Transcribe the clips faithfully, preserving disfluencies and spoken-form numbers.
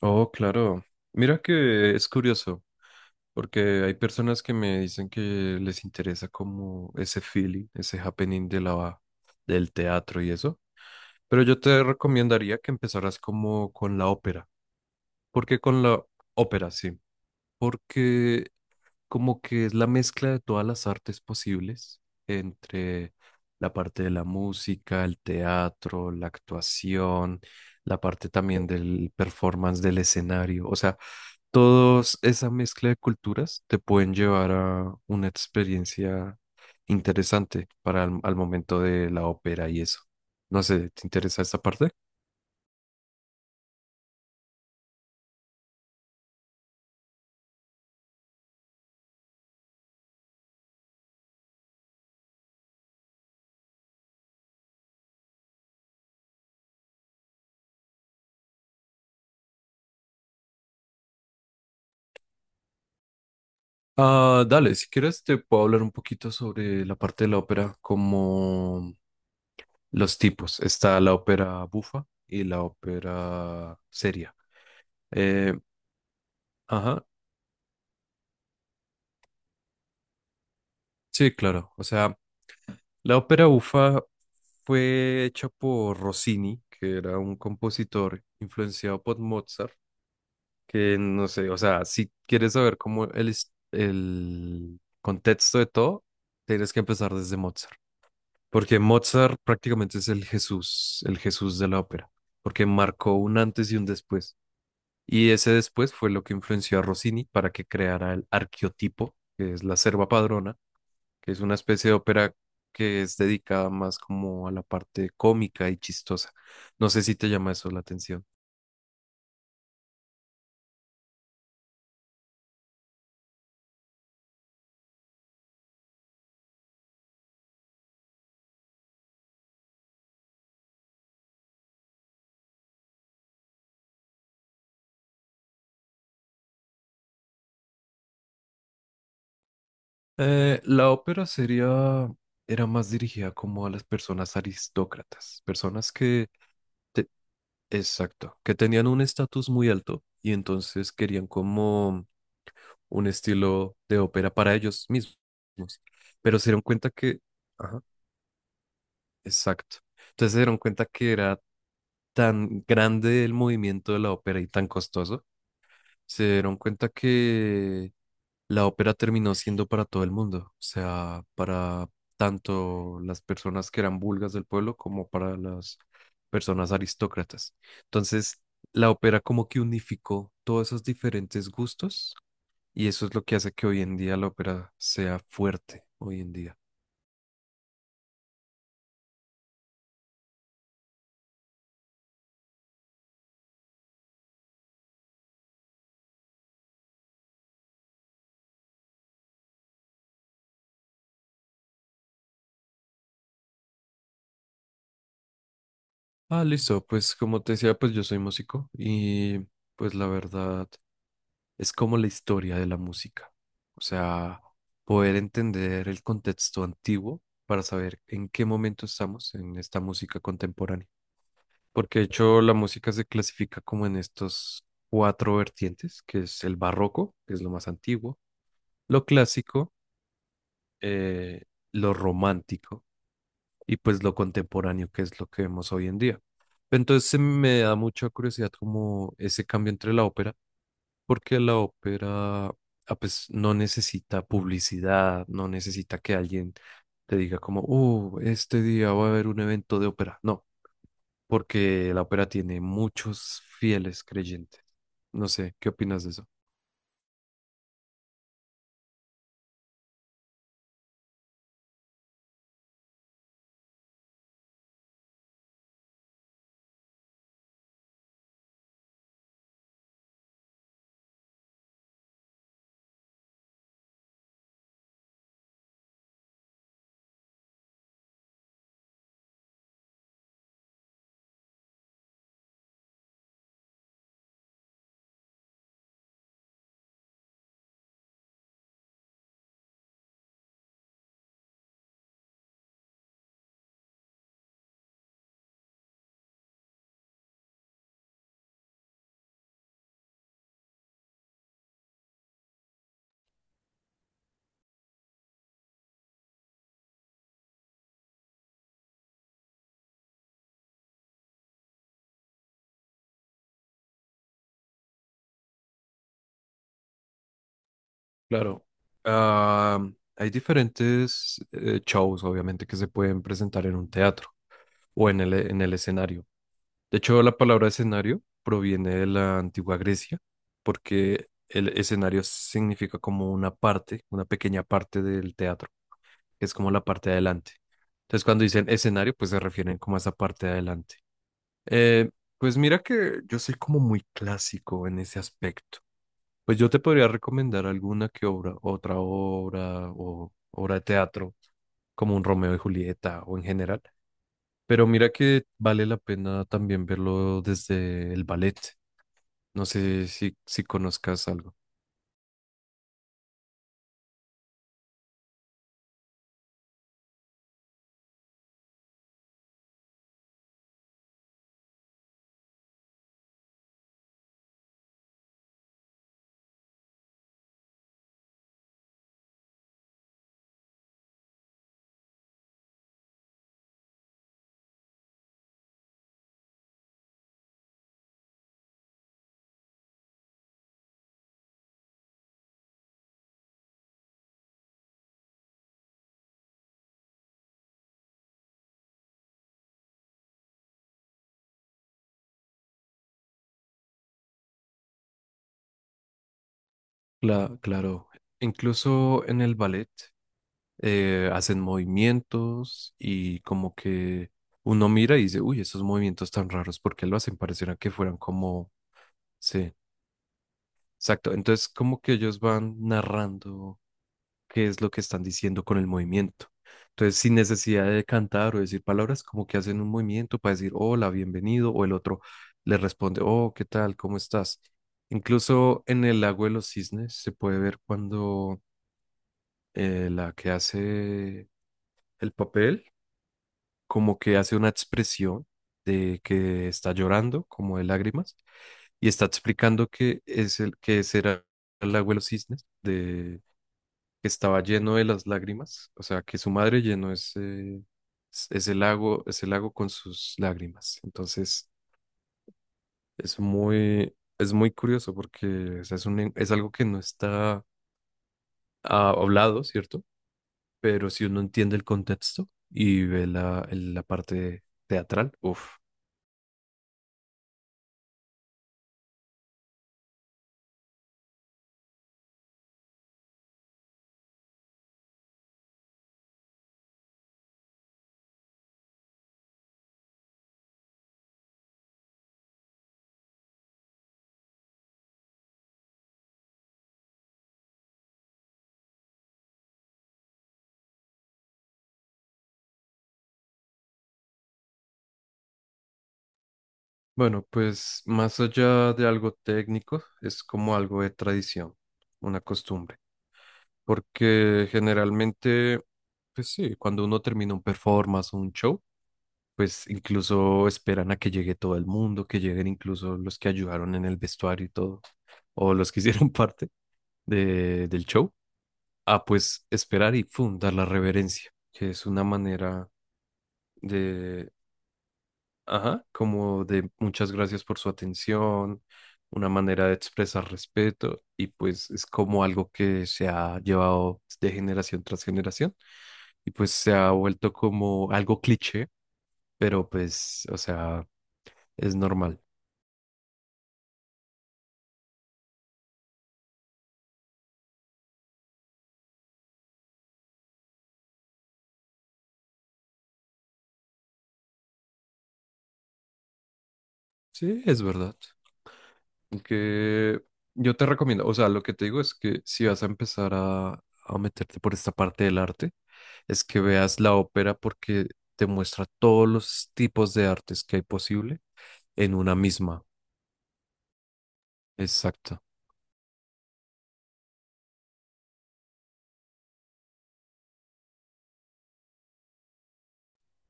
Oh, claro. Mira que es curioso, porque hay personas que me dicen que les interesa como ese feeling, ese happening de la, del teatro y eso. Pero yo te recomendaría que empezaras como con la ópera, porque con la ópera. Sí. Porque como que es la mezcla de todas las artes posibles entre la parte de la música, el teatro, la actuación, la parte también del performance del escenario. O sea, todos esa mezcla de culturas te pueden llevar a una experiencia interesante para al, al momento de la ópera y eso. No sé, ¿te interesa esta parte? Ah, dale, si quieres te puedo hablar un poquito sobre la parte de la ópera, como los tipos. Está la ópera bufa y la ópera seria. Eh, ajá, sí, claro. O sea, la ópera bufa fue hecha por Rossini, que era un compositor influenciado por Mozart, que no sé, o sea, si quieres saber cómo el, es- el contexto de todo, tienes que empezar desde Mozart, porque Mozart prácticamente es el Jesús, el Jesús de la ópera, porque marcó un antes y un después, y ese después fue lo que influenció a Rossini para que creara el arqueotipo, que es la serva padrona, que es una especie de ópera que es dedicada más como a la parte cómica y chistosa. No sé si te llama eso la atención. Eh, la ópera sería era más dirigida como a las personas aristócratas, personas que, te- exacto, que tenían un estatus muy alto y entonces querían como un estilo de ópera para ellos mismos, pero se dieron cuenta que, ajá, exacto, entonces se dieron cuenta que era tan grande el movimiento de la ópera y tan costoso, se dieron cuenta que la ópera terminó siendo para todo el mundo, o sea, para tanto las personas que eran vulgas del pueblo como para las personas aristócratas. Entonces, la ópera como que unificó todos esos diferentes gustos y eso es lo que hace que hoy en día la ópera sea fuerte, hoy en día. Ah, listo, pues como te decía, pues yo soy músico y pues la verdad es como la historia de la música. O sea, poder entender el contexto antiguo para saber en qué momento estamos en esta música contemporánea. Porque de hecho la música se clasifica como en estos cuatro vertientes, que es el barroco, que es lo más antiguo, lo clásico, eh, lo romántico y pues lo contemporáneo, que es lo que vemos hoy en día. Entonces se me da mucha curiosidad como ese cambio entre la ópera, porque la ópera, ah, pues, no necesita publicidad, no necesita que alguien te diga como, oh, este día va a haber un evento de ópera. No, porque la ópera tiene muchos fieles creyentes. No sé, ¿qué opinas de eso? Claro. Ah, hay diferentes eh, shows, obviamente, que se pueden presentar en un teatro o en el, en el escenario. De hecho, la palabra escenario proviene de la antigua Grecia, porque el escenario significa como una parte, una pequeña parte del teatro, que es como la parte de adelante. Entonces, cuando dicen escenario, pues se refieren como a esa parte de adelante. Eh, pues mira que yo soy como muy clásico en ese aspecto. Pues yo te podría recomendar alguna que obra, otra obra o obra de teatro, como un Romeo y Julieta o en general. Pero mira que vale la pena también verlo desde el ballet. No sé si, si conozcas algo. Cla- claro, incluso en el ballet eh, hacen movimientos y como que uno mira y dice, uy, esos movimientos tan raros, ¿por qué lo hacen? Parecieran que fueran como, sí, exacto. Entonces como que ellos van narrando qué es lo que están diciendo con el movimiento. Entonces, sin necesidad de cantar o decir palabras, como que hacen un movimiento para decir hola, bienvenido, o el otro le responde, oh, ¿qué tal? ¿Cómo estás? Incluso en el lago de los cisnes se puede ver cuando eh, la que hace el papel, como que hace una expresión de que está llorando, como de lágrimas, y está explicando que es el que será el lago de los cisnes, de que estaba lleno de las lágrimas, o sea, que su madre llenó ese, ese lago, ese lago con sus lágrimas. Entonces, es muy, es muy curioso porque, o sea, es un, es algo que no está, ah, hablado, ¿cierto? Pero si uno entiende el contexto y ve la, el- la parte teatral, uff. Bueno, pues más allá de algo técnico, es como algo de tradición, una costumbre, porque generalmente, pues sí, cuando uno termina un performance o un show, pues incluso esperan a que llegue todo el mundo, que lleguen incluso los que ayudaron en el vestuario y todo, o los que hicieron parte de, del show, a pues esperar y fundar dar la reverencia, que es una manera de ajá, como de muchas gracias por su atención, una manera de expresar respeto, y pues es como algo que se ha llevado de generación tras generación y pues se ha vuelto como algo cliché, pero pues, o sea, es normal. Sí, es verdad, que yo te recomiendo, o sea, lo que te digo es que si vas a empezar a, a meterte por esta parte del arte, es que veas la ópera porque te muestra todos los tipos de artes que hay posible en una misma. Exacto.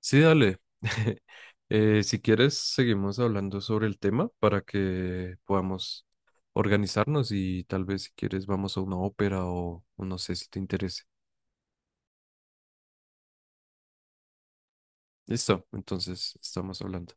Sí, dale. Eh, si quieres, seguimos hablando sobre el tema para que podamos organizarnos y tal vez si quieres vamos a una ópera o o no sé si te interese. Listo, entonces estamos hablando.